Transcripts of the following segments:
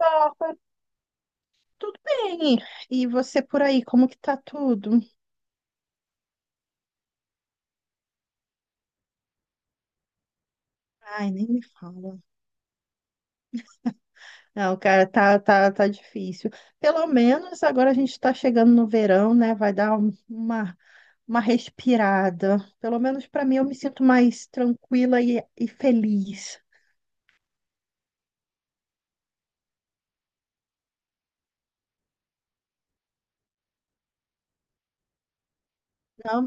Rafa, tudo bem? E você por aí, como que tá tudo? Ai, nem me fala. Não, cara, tá difícil. Pelo menos agora a gente tá chegando no verão, né? Vai dar um- uma respirada. Pelo menos pra mim eu me sinto mais tranquila e feliz. Não,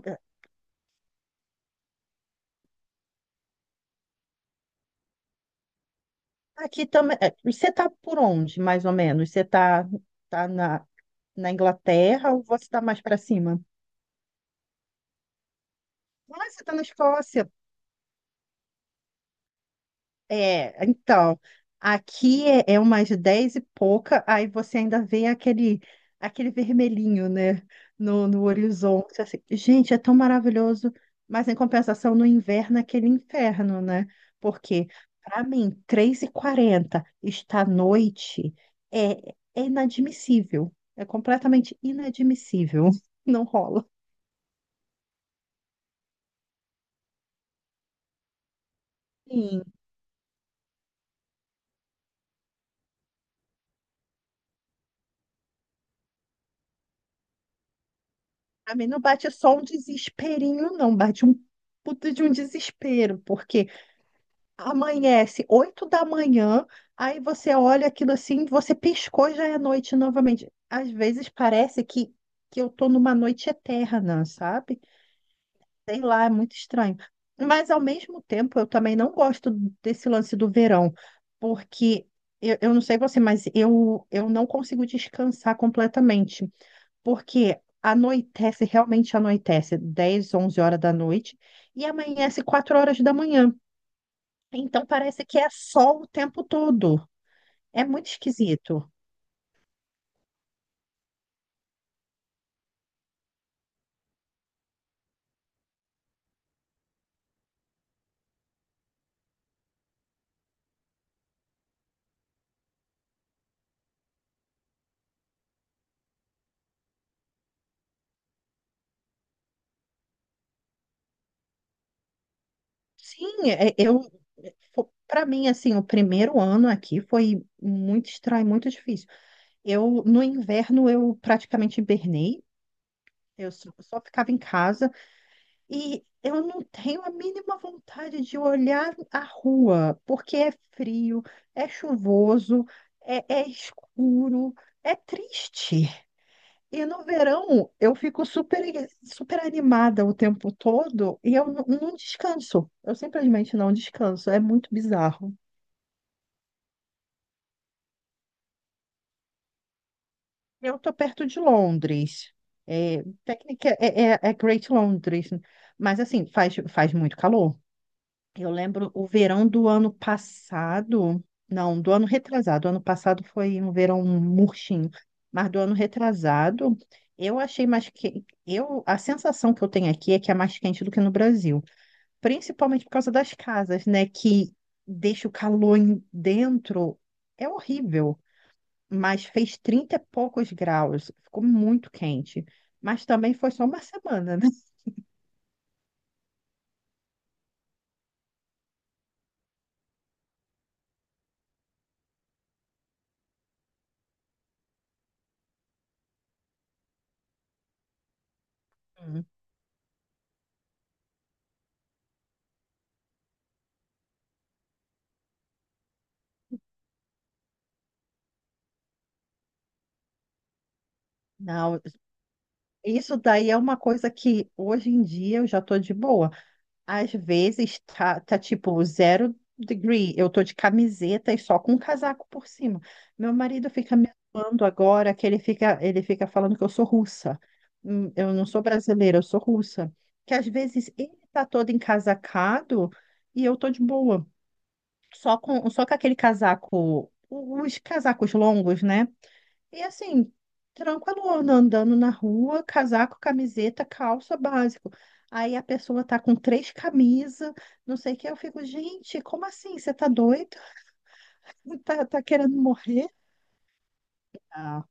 aqui também. Você tá por onde, mais ou menos? Você tá, tá na, na Inglaterra ou você tá mais pra cima? Ah, você tá na Escócia. É, então, aqui é umas 10 e pouca, aí você ainda vê aquele, aquele vermelhinho, né, no horizonte, assim. Gente, é tão maravilhoso, mas em compensação, no inverno, é aquele inferno, né? Porque, para mim, 3h40 está à noite é inadmissível, é completamente inadmissível, não rola. Sim, pra mim não bate só um desesperinho, não, bate um puta de um desespero, porque amanhece 8 da manhã, aí você olha aquilo assim, você piscou e já é noite novamente. Às vezes parece que eu tô numa noite eterna, sabe? Sei lá, é muito estranho. Mas ao mesmo tempo, eu também não gosto desse lance do verão, porque eu não sei você, mas eu não consigo descansar completamente, porque anoitece, realmente anoitece, 10, 11 horas da noite, e amanhece 4 horas da manhã. Então parece que é sol o tempo todo. É muito esquisito. Sim, é- eu para mim assim, o primeiro ano aqui foi muito estranho, muito difícil. Eu no inverno eu praticamente hibernei. Eu só ficava em casa e eu não tenho a mínima vontade de olhar a rua, porque é frio, é chuvoso, é escuro, é triste. E no verão eu fico super, super animada o tempo todo e eu não descanso. Eu simplesmente não descanso. É muito bizarro. Eu tô perto de Londres. É Great Londres, mas assim, faz muito calor. Eu lembro o verão do ano passado, não, do ano retrasado. O ano passado foi um verão murchinho, mas do ano retrasado eu achei mais que eu a sensação que eu tenho aqui é que é mais quente do que no Brasil. Principalmente por causa das casas, né? Que deixa o calor dentro. É horrível. Mas fez 30 e poucos graus. Ficou muito quente. Mas também foi só uma semana, né? Hum. Não, isso daí é uma coisa que hoje em dia eu já tô de boa. Às vezes tá tipo zero degree. Eu tô de camiseta e só com um casaco por cima. Meu marido fica me zoando agora que ele fica falando que eu sou russa. Eu não sou brasileira, eu sou russa. Que às vezes ele tá todo encasacado e eu tô de boa. Só com aquele casaco, os casacos longos, né? E assim, tranquilona, andando na rua, casaco, camiseta, calça, básico. Aí a pessoa tá com três camisas, não sei o que. Eu fico, gente, como assim? Você tá doido? Tá querendo morrer? Ah,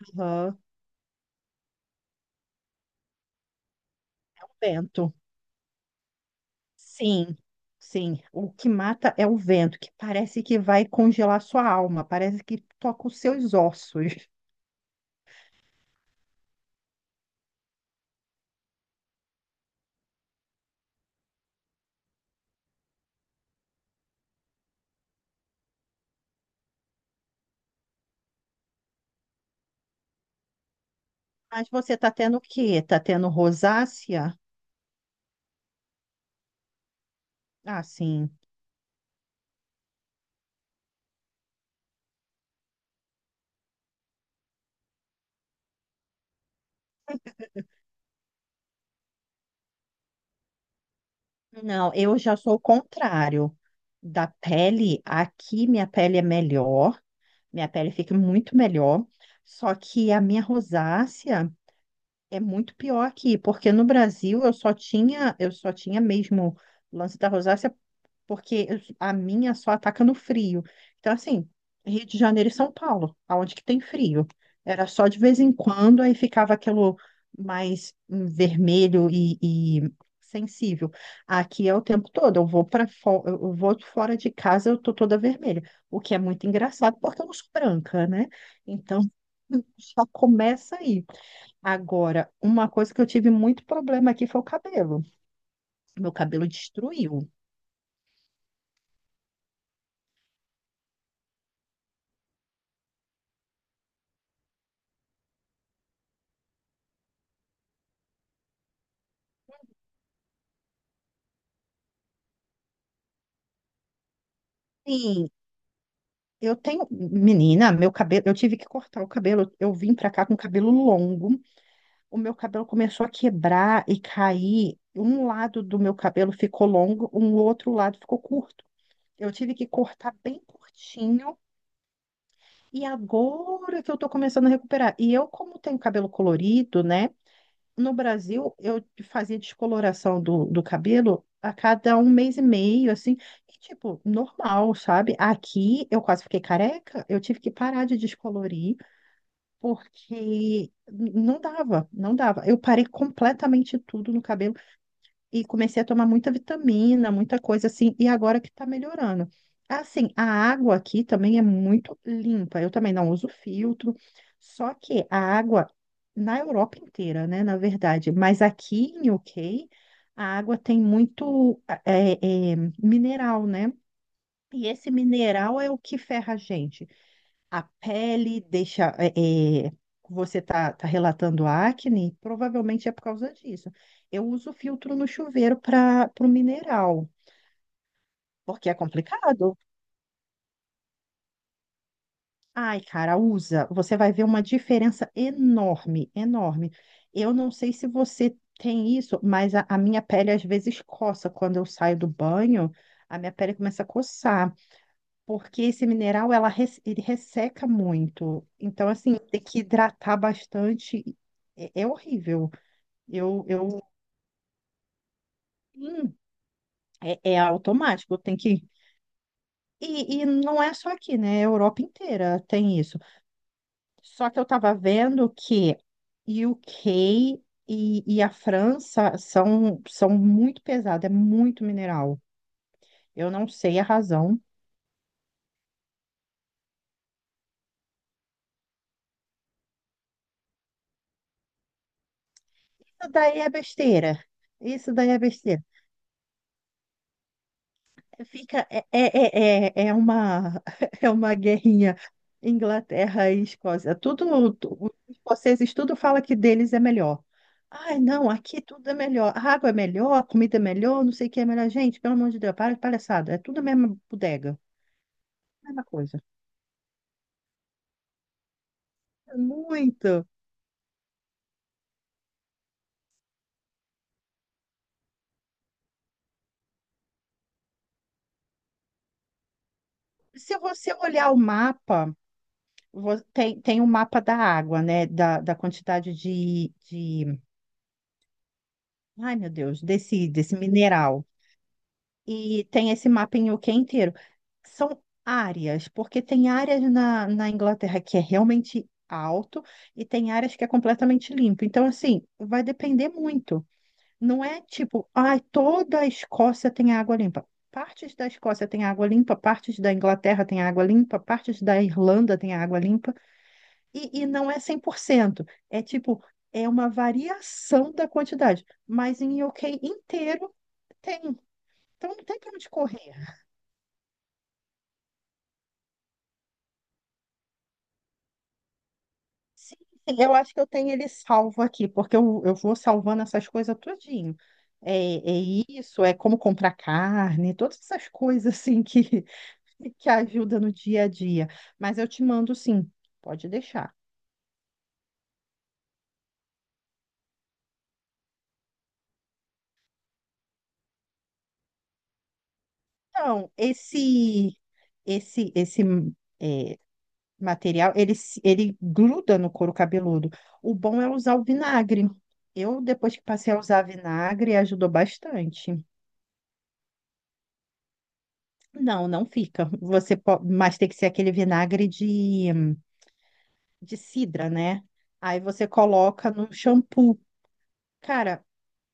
aham, é o vento. Sim, sim. O que mata é o vento, que parece que vai congelar sua alma, parece que toca os seus ossos. Mas você tá tendo o quê? Tá tendo rosácea? Ah, sim. Não, eu já sou o contrário da pele. Aqui minha pele é melhor, minha pele fica muito melhor. Só que a minha rosácea é muito pior aqui, porque no Brasil eu só tinha mesmo o lance da rosácea porque a minha só ataca no frio. Então, assim, Rio de Janeiro e São Paulo, aonde que tem frio. Era só de vez em quando, aí ficava aquilo mais vermelho e sensível. Aqui é o tempo todo, eu vou para fora, eu vou fora de casa, eu tô toda vermelha, o que é muito engraçado porque eu não sou branca, né? Então, só começa aí. Agora, uma coisa que eu tive muito problema aqui foi o cabelo. Meu cabelo destruiu. Sim, eu tenho, menina, meu cabelo, eu tive que cortar o cabelo. Eu vim pra cá com cabelo longo. O meu cabelo começou a quebrar e cair. Um lado do meu cabelo ficou longo, um outro lado ficou curto. Eu tive que cortar bem curtinho e agora que eu tô começando a recuperar. E eu, como tenho cabelo colorido, né? No Brasil, eu fazia descoloração do cabelo a cada um mês e meio, assim, e, tipo, normal, sabe? Aqui eu quase fiquei careca, eu tive que parar de descolorir, porque não dava. Eu parei completamente tudo no cabelo e comecei a tomar muita vitamina, muita coisa assim, e agora que tá melhorando. Assim, a água aqui também é muito limpa, eu também não uso filtro, só que a água na Europa inteira, né, na verdade, mas aqui em UK, a água tem muito mineral, né? E esse mineral é o que ferra a gente. A pele deixa. É, você tá relatando acne, provavelmente é por causa disso. Eu uso filtro no chuveiro para o mineral, porque é complicado. Ai, cara, usa. Você vai ver uma diferença enorme, enorme. Eu não sei se você tem isso, mas a minha pele às vezes coça. Quando eu saio do banho, a minha pele começa a coçar, porque esse mineral ele resseca muito. Então, assim, tem que hidratar bastante. É horrível. Eu, eu, hum, é automático. Tem que. E não é só aqui, né? A Europa inteira tem isso. Só que eu estava vendo que UK e a França são muito pesados, é muito mineral. Eu não sei a razão. Isso daí é besteira. Isso daí é besteira. Fica, é uma guerrinha Inglaterra e Escócia. Tudo, os escoceses tudo fala que deles é melhor. Ai, não, aqui tudo é melhor. A água é melhor, a comida é melhor, não sei o que é melhor. Gente, pelo amor de Deus, para de palhaçada. É tudo a mesma bodega, mesma coisa. É muito. Se você olhar o mapa, tem o mapa da água, né? Da quantidade ai meu Deus, desse mineral. E tem esse mapa em UK inteiro. São áreas, porque tem áreas na Inglaterra que é realmente alto e tem áreas que é completamente limpo. Então, assim, vai depender muito. Não é tipo, ai, toda a Escócia tem água limpa. Partes da Escócia tem água limpa, partes da Inglaterra tem água limpa, partes da Irlanda tem água limpa, e não é 100%. É tipo, é uma variação da quantidade, mas em UK inteiro tem. Então não tem para onde correr. Sim, sim, eu acho que eu tenho ele salvo aqui, porque eu vou salvando essas coisas tudinho. É isso, é como comprar carne, todas essas coisas assim que, que ajuda no dia a dia. Mas eu te mando sim, pode deixar. Então, esse esse é, material, ele, ele gruda no couro cabeludo. O bom é usar o vinagre. Eu, depois que passei a usar vinagre, ajudou bastante. Não, não fica. Você pode, mas tem que ser aquele vinagre de cidra, né? Aí você coloca no shampoo. Cara,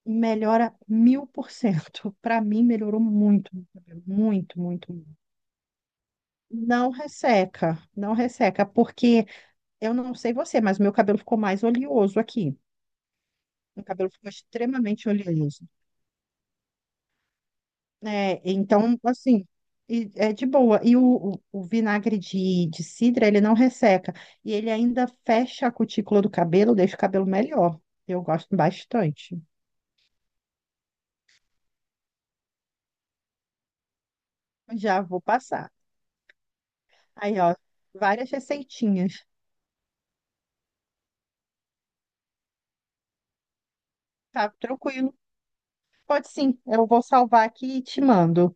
melhora 1000%. Pra mim, melhorou muito, meu cabelo, muito, muito, muito. Não resseca, não resseca, porque eu não sei você, mas meu cabelo ficou mais oleoso aqui. Meu cabelo ficou extremamente oleoso. É, então, assim, é de boa. E o vinagre de cidra, ele não resseca. E ele ainda fecha a cutícula do cabelo, deixa o cabelo melhor. Eu gosto bastante. Já vou passar. Aí, ó, várias receitinhas. Tá tranquilo. Pode sim, eu vou salvar aqui e te mando.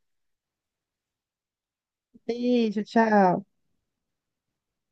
Beijo, tchau.